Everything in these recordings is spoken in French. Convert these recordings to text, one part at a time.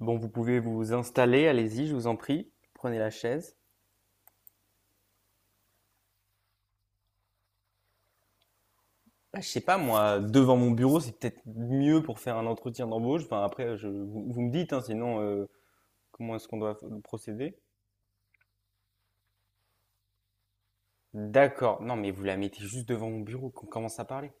Bon, vous pouvez vous installer, allez-y, je vous en prie. Prenez la chaise. Ah, je sais pas, moi, devant mon bureau, c'est peut-être mieux pour faire un entretien d'embauche. Enfin, après, vous me dites, hein, sinon, comment est-ce qu'on doit procéder? D'accord. Non, mais vous la mettez juste devant mon bureau, qu'on commence à parler.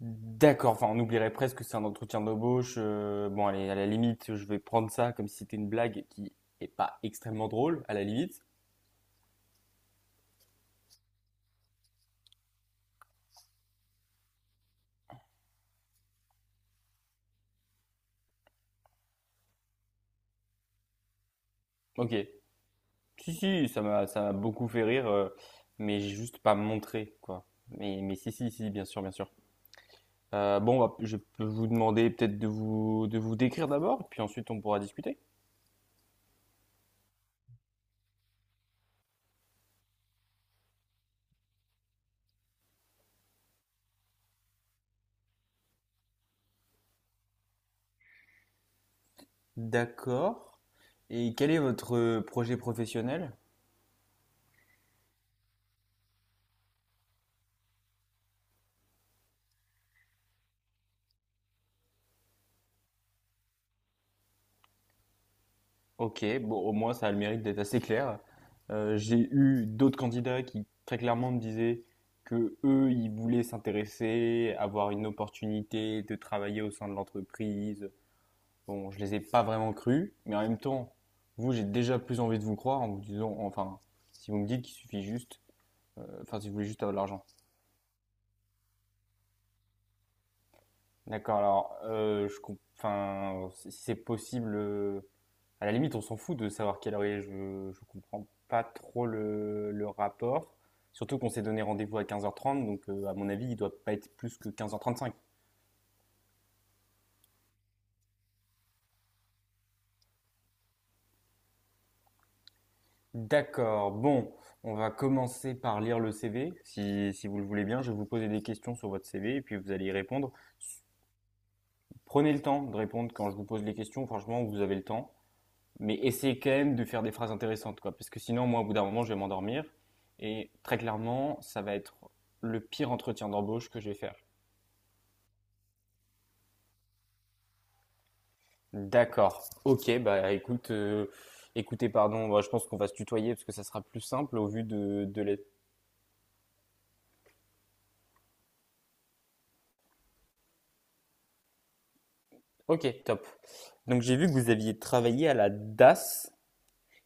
D'accord. Enfin, on oublierait presque que c'est un entretien d'embauche. Bon, allez, à la limite, je vais prendre ça comme si c'était une blague qui est pas extrêmement drôle, à la limite. Ok. Si, si, ça m'a beaucoup fait rire, mais j'ai juste pas montré, quoi. Mais si, si, si, bien sûr, bien sûr. Bon, bah, je peux vous demander peut-être de vous décrire d'abord, puis ensuite on pourra discuter. D'accord. Et quel est votre projet professionnel? Ok, bon, au moins ça a le mérite d'être assez clair. J'ai eu d'autres candidats qui très clairement me disaient que eux, ils voulaient s'intéresser, avoir une opportunité de travailler au sein de l'entreprise. Bon, je les ai pas vraiment crus, mais en même temps, vous, j'ai déjà plus envie de vous croire en vous disant, enfin, si vous me dites qu'il suffit juste, enfin, si vous voulez juste avoir de l'argent. D'accord, alors, enfin, si c'est possible, à la limite, on s'en fout de savoir quelle heure il est, je comprends pas trop le rapport. Surtout qu'on s'est donné rendez-vous à 15h30, donc à mon avis, il doit pas être plus que 15h35. D'accord. Bon, on va commencer par lire le CV. Si vous le voulez bien, je vais vous poser des questions sur votre CV et puis vous allez y répondre. S- Prenez le temps de répondre quand je vous pose les questions. Franchement, vous avez le temps. Mais essayez quand même de faire des phrases intéressantes, quoi. Parce que sinon, moi, au bout d'un moment, je vais m'endormir. Et très clairement, ça va être le pire entretien d'embauche que je vais faire. D'accord. Ok, bah écoutez, pardon, bah, je pense qu'on va se tutoyer parce que ça sera plus simple au vu de la- Ok, top. Donc j'ai vu que vous aviez travaillé à la DAS.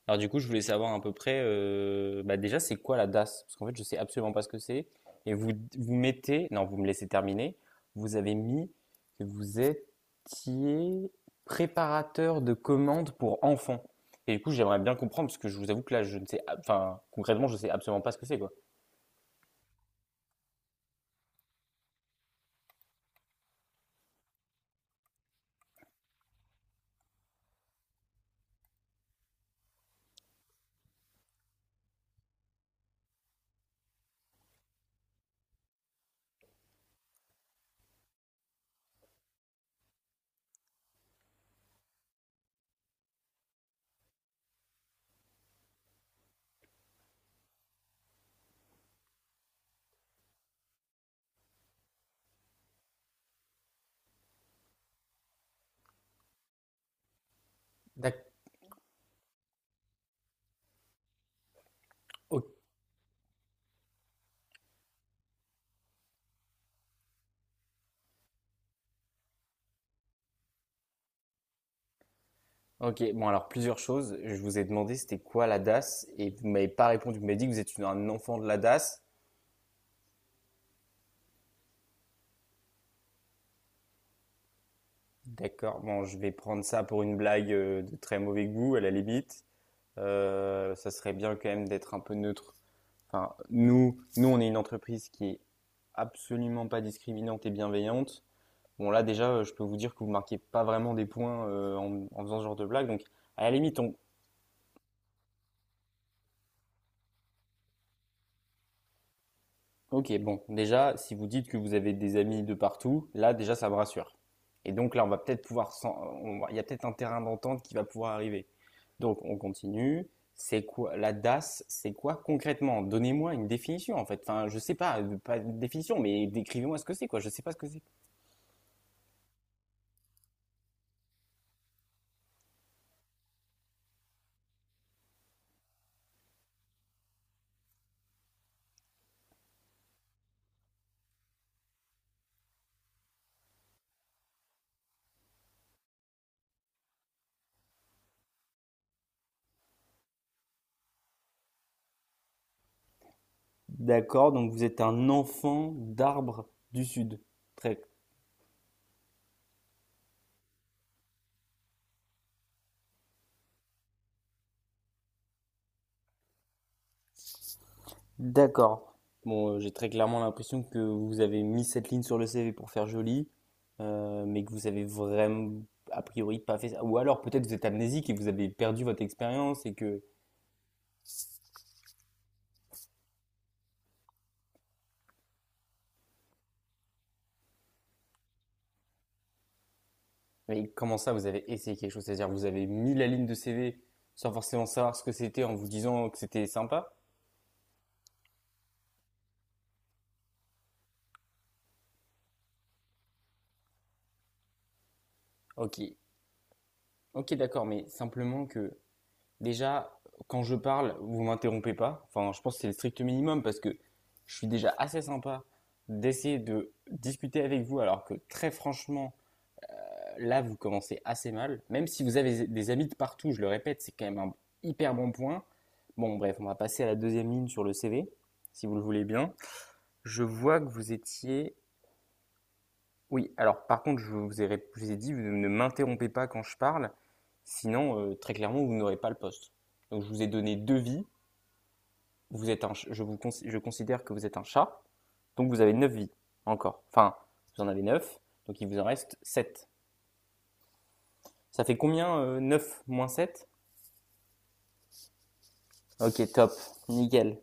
Alors du coup, je voulais savoir à peu près, bah déjà, c'est quoi la DAS? Parce qu'en fait, je sais absolument pas ce que c'est. Et vous, vous mettez, non, vous me laissez terminer. Vous avez mis que vous étiez préparateur de commandes pour enfants. Et du coup, j'aimerais bien comprendre parce que je vous avoue que là, je ne sais, enfin, concrètement, je sais absolument pas ce que c'est, quoi. D'ac- ok. Ok, bon alors plusieurs choses. Je vous ai demandé c'était quoi la DAS et vous m'avez pas répondu. Vous m'avez dit que vous êtes un enfant de la DAS. D'accord. Bon, je vais prendre ça pour une blague de très mauvais goût, à la limite. Ça serait bien quand même d'être un peu neutre. Enfin, nous, nous, on est une entreprise qui est absolument pas discriminante et bienveillante. Bon, là, déjà, je peux vous dire que vous marquez pas vraiment des points en faisant ce genre de blague. Donc, à la limite, on, Ok, bon, déjà, si vous dites que vous avez des amis de partout, là, déjà, ça me rassure. Et donc là, on va peut-être pouvoir, il y a peut-être un terrain d'entente qui va pouvoir arriver. Donc, on continue. C'est quoi la DAS? C'est quoi concrètement? Donnez-moi une définition en fait. Enfin, je sais pas, pas une définition, mais décrivez-moi ce que c'est quoi. Je sais pas ce que c'est. D'accord, donc vous êtes un enfant d'arbre du Sud. Très D'accord. Bon, j'ai très clairement l'impression que vous avez mis cette ligne sur le CV pour faire joli, mais que vous avez vraiment, a priori, pas fait ça. Ou alors peut-être vous êtes amnésique et vous avez perdu votre expérience et que... Mais comment ça, vous avez essayé quelque chose? C'est-à-dire vous avez mis la ligne de CV sans forcément savoir ce que c'était en vous disant que c'était sympa? Ok, ok, d'accord, mais simplement que... Déjà, quand je parle, vous m'interrompez pas. Enfin, je pense que c'est le strict minimum parce que je suis déjà assez sympa d'essayer de discuter avec vous alors que très franchement, là, vous commencez assez mal. Même si vous avez des amis de partout, je le répète, c'est quand même un hyper bon point. Bon, bref, on va passer à la deuxième ligne sur le CV, si vous le voulez bien. Je vois que vous étiez... Oui, alors par contre, je vous ai dit, vous ne m'interrompez pas quand je parle, sinon, très clairement, vous n'aurez pas le poste. Donc, je vous ai donné deux vies. Vous êtes je considère que vous êtes un chat, donc vous avez neuf vies encore. Enfin, vous en avez 9 donc il vous en reste sept. Ça fait combien, 9 moins sept? Ok, top, nickel.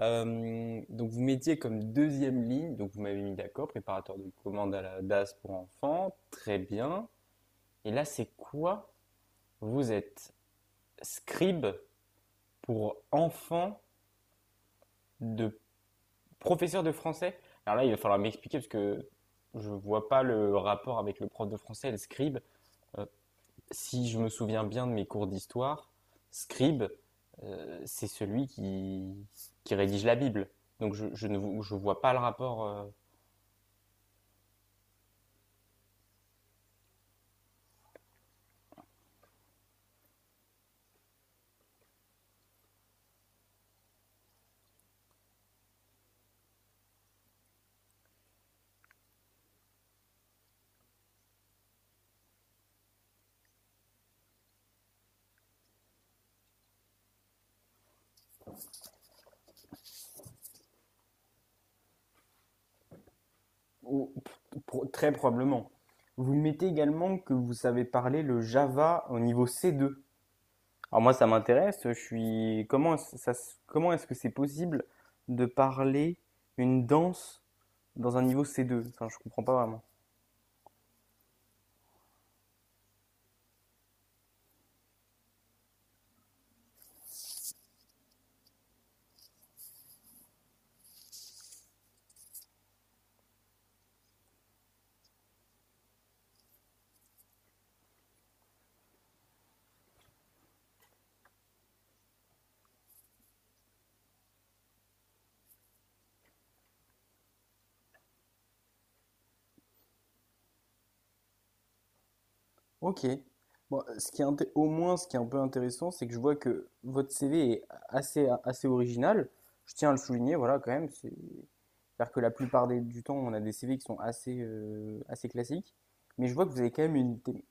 Donc vous mettiez comme deuxième ligne, donc vous m'avez mis d'accord, préparateur de commande à la DAS pour enfants, très bien. Et là, c'est quoi? Vous êtes scribe pour enfants de Professeur de français? Alors là, il va falloir m'expliquer parce que je vois pas le rapport avec le prof de français, et le scribe. Euh, si je me souviens bien de mes cours d'histoire, scribe, c'est celui qui rédige la Bible. Donc je ne vo- je vois pas le rapport. Ou- Très probablement. Vous mettez également que vous savez parler le Java au niveau C2. Alors moi, ça m'intéresse. Je suis comment est-ce- ça se- comment est-ce que c'est possible de parler une danse dans un niveau c deux. Enfin, je comprends pas vraiment. Ok. Bon, ce qui est au moins, ce qui est un peu intéressant, c'est que je vois que votre CV est assez, assez original. Je tiens à le souligner, voilà, quand même. C'est... C'est-à-dire que la plupart du temps, on a des CV qui sont assez, assez classiques. Mais je vois que vous avez quand même une, thé-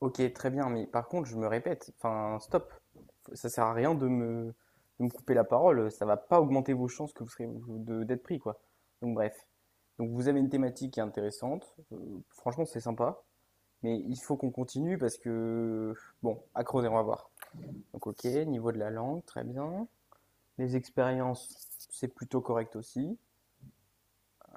Ok, très bien, mais par contre, je me répète, enfin, stop. Ça sert à rien de me couper la parole, ça va pas augmenter vos chances que vous serez d'être pris, quoi. Donc bref. Donc vous avez une thématique qui est intéressante, franchement, c'est sympa, mais il faut qu'on continue parce que, bon, à creuser, on va voir. Donc ok, niveau de la langue, très bien. Les expériences, c'est plutôt correct aussi.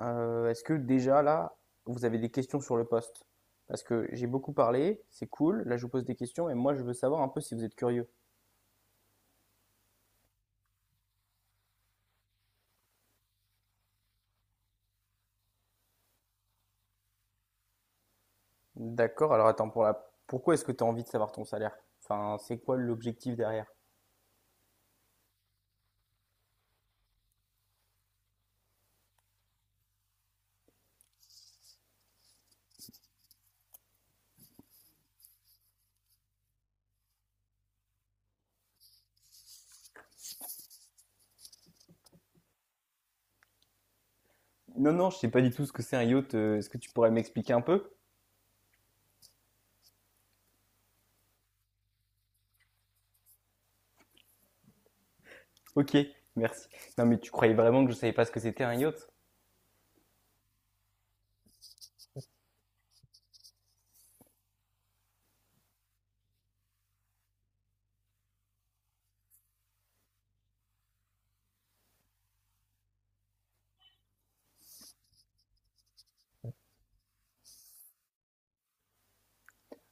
Est-ce que déjà là, vous avez des questions sur le poste? Parce que j'ai beaucoup parlé, c'est cool, là je vous pose des questions et moi je veux savoir un peu si vous êtes curieux. D'accord, alors attends, pour la... pourquoi est-ce que tu as envie de savoir ton salaire? Enfin, c'est quoi l'objectif derrière? Non, non, je sais pas du tout ce que c'est un yacht. Est-ce que tu pourrais m'expliquer un peu? Ok, merci. Non, mais tu croyais vraiment que je savais pas ce que c'était un yacht?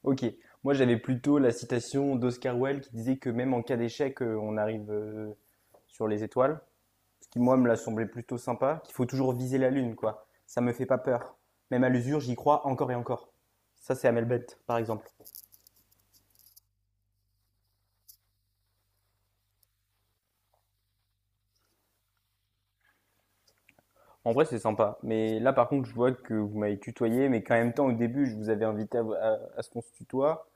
Ok. Moi, j'avais plutôt la citation d'Oscar Wilde qui disait que même en cas d'échec, on arrive sur les étoiles. Ce qui moi me l'a semblé plutôt sympa, qu'il faut toujours viser la lune, quoi. Ça me fait pas peur. Même à l'usure, j'y crois encore et encore. Ça, c'est à Melbet, par exemple. En vrai, c'est sympa. Mais là, par contre, je vois que vous m'avez tutoyé, mais qu'en même temps, au début, je vous avais invité à, à ce qu'on se tutoie.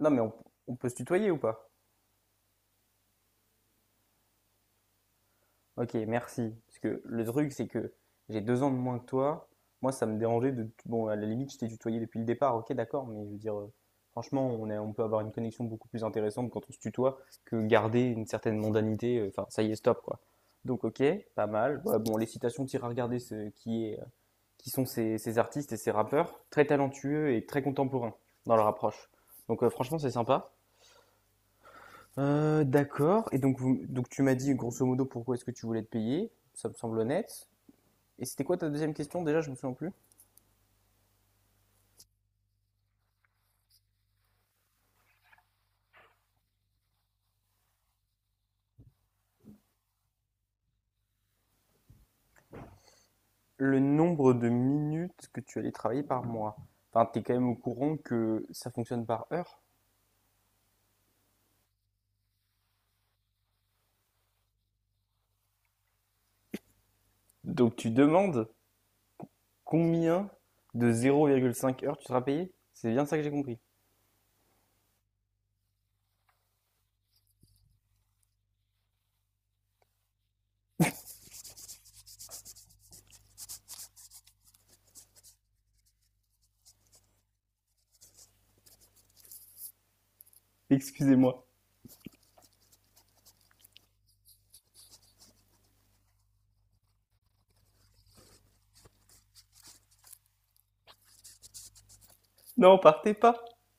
Non, mais on, peut se tutoyer ou pas? Ok, merci. Parce que le truc, c'est que j'ai 2 ans de moins que toi. Moi, ça me dérangeait de. Bon, à la limite, je t'ai tutoyé depuis le départ, ok, d'accord, mais je veux dire, franchement, on peut avoir une connexion beaucoup plus intéressante quand on se tutoie que garder une certaine mondanité. Enfin, ça y est, stop, quoi. Donc, ok, pas mal. Ouais, bon, les citations, t'iras regarder ce qui est, qui sont ces artistes et ces rappeurs, très talentueux et très contemporains dans leur approche. Donc, franchement, c'est sympa. D'accord et donc vous donc tu m'as dit grosso modo pourquoi est-ce que tu voulais te payer, ça me semble honnête et c'était quoi ta deuxième question déjà? Je me souviens plus. Le nombre de minutes que tu allais travailler par mois. Enfin, tu es quand même au courant que ça fonctionne par heure. Donc tu demandes combien de 0,5 heures tu seras payé? C'est bien ça que j'ai compris. Excusez-moi. Non, partez pas.